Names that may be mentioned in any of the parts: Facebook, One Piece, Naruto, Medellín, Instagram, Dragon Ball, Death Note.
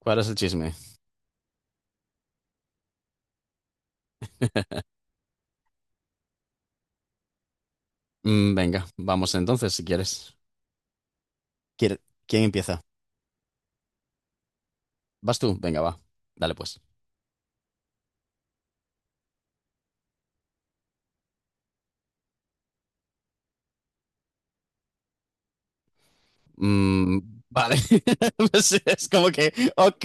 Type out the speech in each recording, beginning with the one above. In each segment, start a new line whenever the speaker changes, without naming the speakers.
¿Cuál es el chisme? Venga, vamos entonces, si quieres. ¿Quiere- ¿Quién empieza? ¿Vas tú? Venga, va. Dale, pues. Mm, vale. Pues es como que, ok.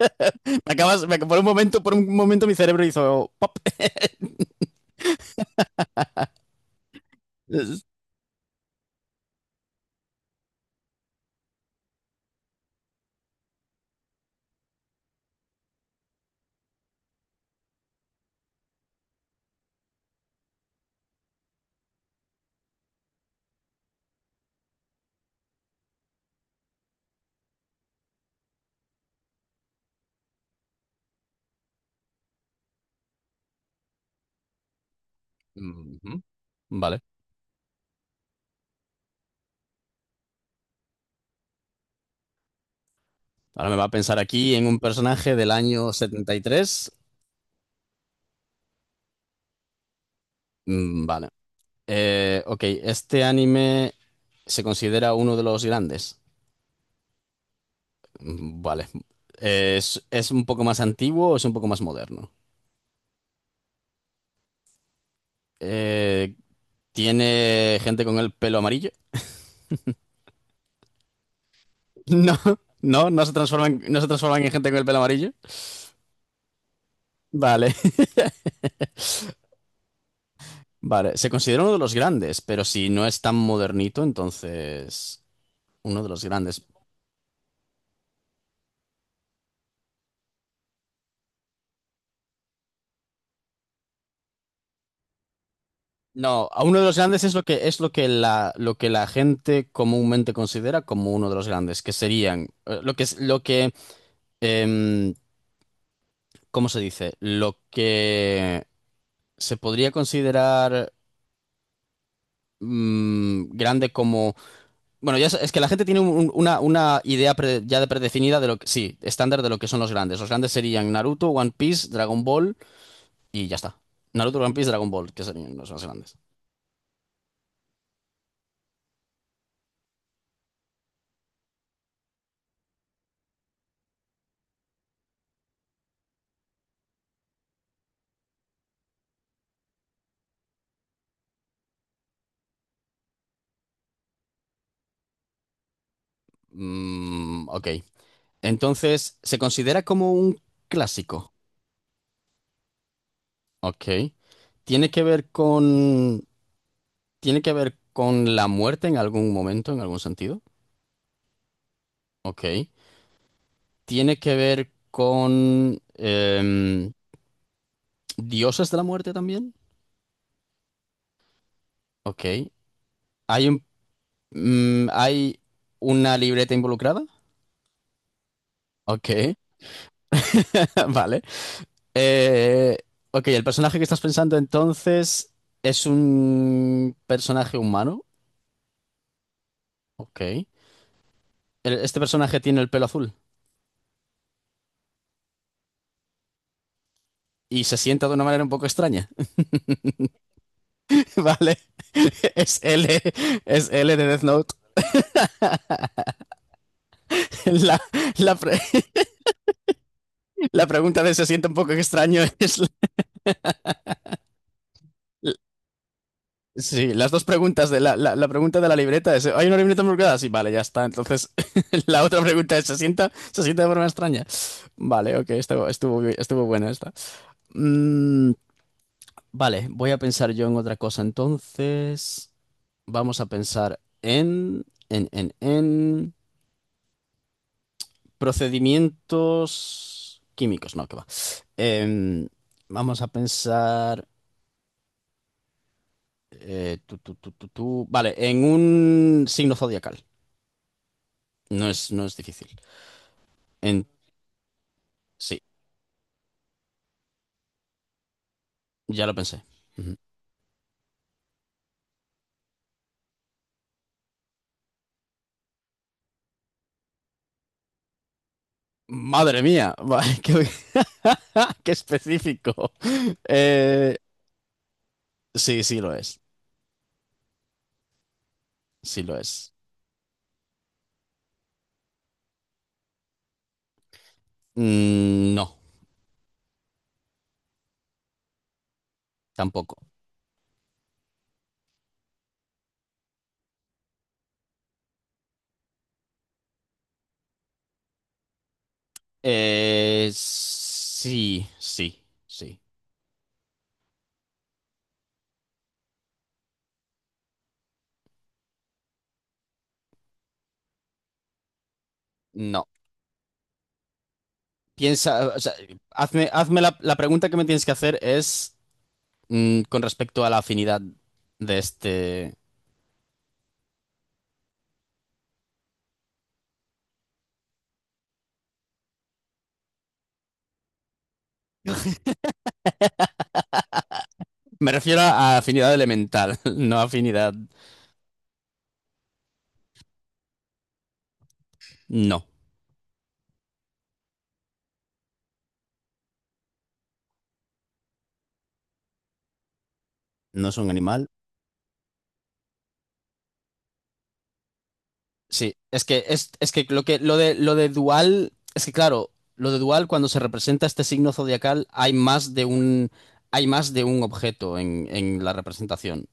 Por un momento, mi cerebro hizo pop. Es- Ujú, vale. Ahora me va a pensar aquí en un personaje del año 73. Mm, vale. Ok, este anime se considera uno de los grandes. Mm, vale. ¿Es un poco más antiguo o es un poco más moderno? Eh, ¿Tiene gente con el pelo amarillo? No, no, no se transforman en gente con el pelo amarillo. Vale, vale. Se considera uno de los grandes, pero si no es tan modernito, entonces uno de los grandes. No, a uno de los grandes es lo que la gente comúnmente considera como uno de los grandes, que serían lo que es lo que em, ¿cómo se dice? Lo que se podría considerar, grande como... Bueno, ya es que la gente tiene una idea ya de predefinida de lo que... Sí, estándar de lo que son los grandes. Los grandes serían Naruto, One Piece, Dragon Ball y ya está. Naruto, One Piece, Dragon Ball, que serían los más grandes. Mm, ok. Entonces, se considera como un clásico. Ok. ¿Tiene que ver con... ¿Tiene que ver con la muerte en algún momento, en algún sentido? Ok. Tiene que ver con... ¿Dioses de la muerte también? Ok. ¿Hay un, ¿Hay una libreta involucrada? Ok. Vale. Eh, ok, el personaje que estás pensando entonces es un personaje humano. Ok. El- Este personaje tiene el pelo azul y se sienta de una manera un poco extraña. Vale. Es L, es L de Death Note. La, la la pregunta de se sienta un poco extraño es, la, sí, las dos preguntas de la pregunta de la libreta es, ¿hay una libreta embrujada? Sí, vale, ya está. Entonces, la otra pregunta es, ¿se sienta de forma extraña? Vale, ok, estuvo, estuvo buena esta. Mm, vale, voy a pensar yo en otra cosa. Entonces, vamos a pensar en procedimientos químicos. No, que va. Em, Vamos a pensar, tú, tú, tú, tú, tú. Vale, en un signo zodiacal. No es difícil. En- sí, ya lo pensé. Ujú. Madre mía, va, qué, qué específico. Eh, sí, sí lo es. Sí lo es. Mm, no, tampoco. Sí, sí, sí. No. Piensa, o sea, hazme la pregunta que me tienes que hacer es, con respecto a la afinidad de este... Me refiero a afinidad elemental, no afinidad... No, no es un animal. Sí, es que lo de dual, es que claro, lo de dual cuando se representa este signo zodiacal hay más de un, hay más de un objeto en la representación.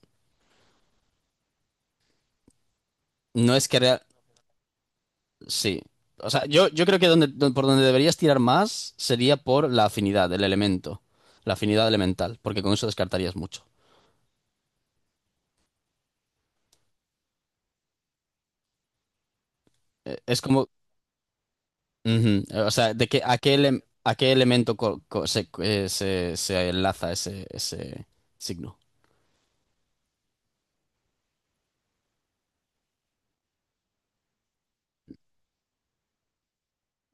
No es que rea- sí. O sea, yo creo que donde, don- por donde deberías tirar más sería por la afinidad, el elemento, la afinidad elemental, porque con eso descartarías mucho. Es como, ujú, o sea, de que a qué, ele- a qué elemento se, se enlaza ese, ese signo.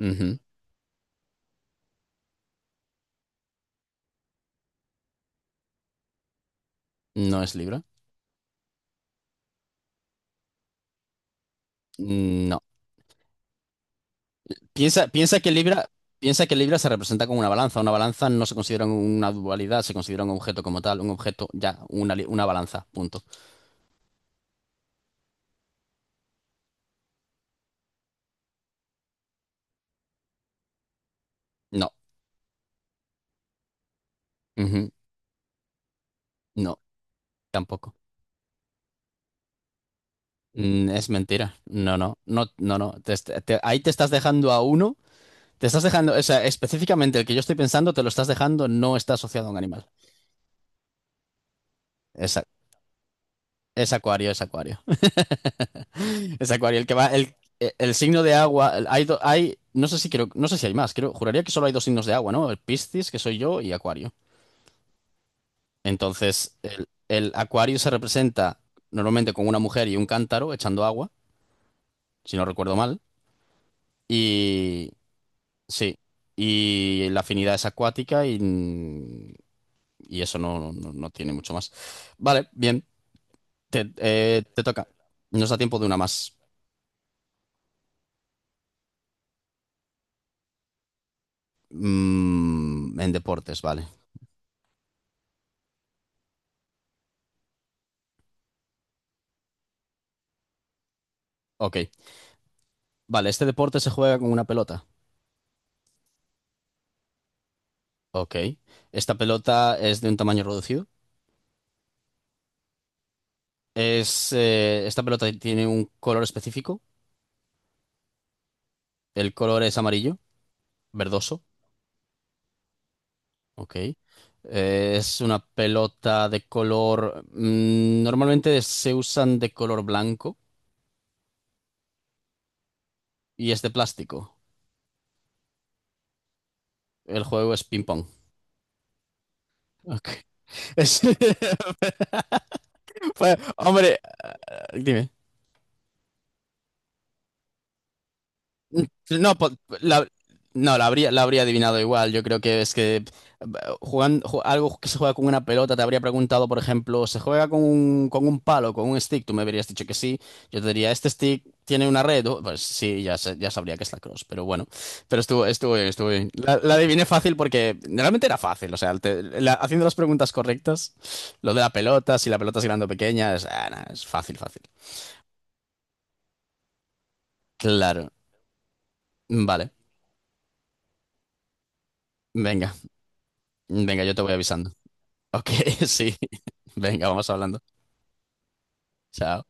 Ujú, no es Libra. Mm, no. Piensa, piensa que Libra se representa como una balanza. Una balanza no se considera una dualidad, se considera un objeto como tal, un objeto, ya, una, una balanza, punto. No. Ujú. No, tampoco. Mm, es mentira. No, no, no, no, no. Ahí te estás dejando a uno, te estás dejando, o sea, específicamente el que yo estoy pensando, te lo estás dejando, no está asociado a un animal. Esa- es acuario, es acuario. Es Acuario, el que va, el signo de agua, el- hay, do- hay, no sé si creo, no sé si hay más, creo, juraría que solo hay dos signos de agua, ¿no? El Piscis, que soy yo, y Acuario. Entonces, el Acuario se representa normalmente con una mujer y un cántaro echando agua, si no recuerdo mal, y sí, y la afinidad es acuática y eso no, no, no tiene mucho más. Vale, bien, te, te toca. Nos da tiempo de una más. Mm, en deportes, vale. Ok. Vale, este deporte se juega con una pelota. Ok. Esta pelota es de un tamaño reducido. Es, esta pelota tiene un color específico. El color es amarillo, verdoso. Ok. Es una pelota de color... normalmente se usan de color blanco y es de plástico. El juego es ping-pong. Ok. Es- Pues, hombre, dime. N- No, po- la, no, la habría adivinado igual. Yo creo que es que jugando, algo que se juega con una pelota, te habría preguntado, por ejemplo, ¿se juega con un palo, con un stick? Tú me habrías dicho que sí. Yo te diría, ¿este stick tiene una red? Oh, pues sí, ya, sa- ya sabría que es la cross, pero bueno. Pero estuvo, estuvo bien, estuvo bien. La adiviné fácil porque realmente era fácil. O sea, te- la- haciendo las preguntas correctas, lo de la pelota, si la pelota es grande o pequeña, es, ah, nah, es fácil, fácil. Claro. Vale. Venga, venga, yo te voy avisando. Ok, sí. Venga, vamos hablando. Chao.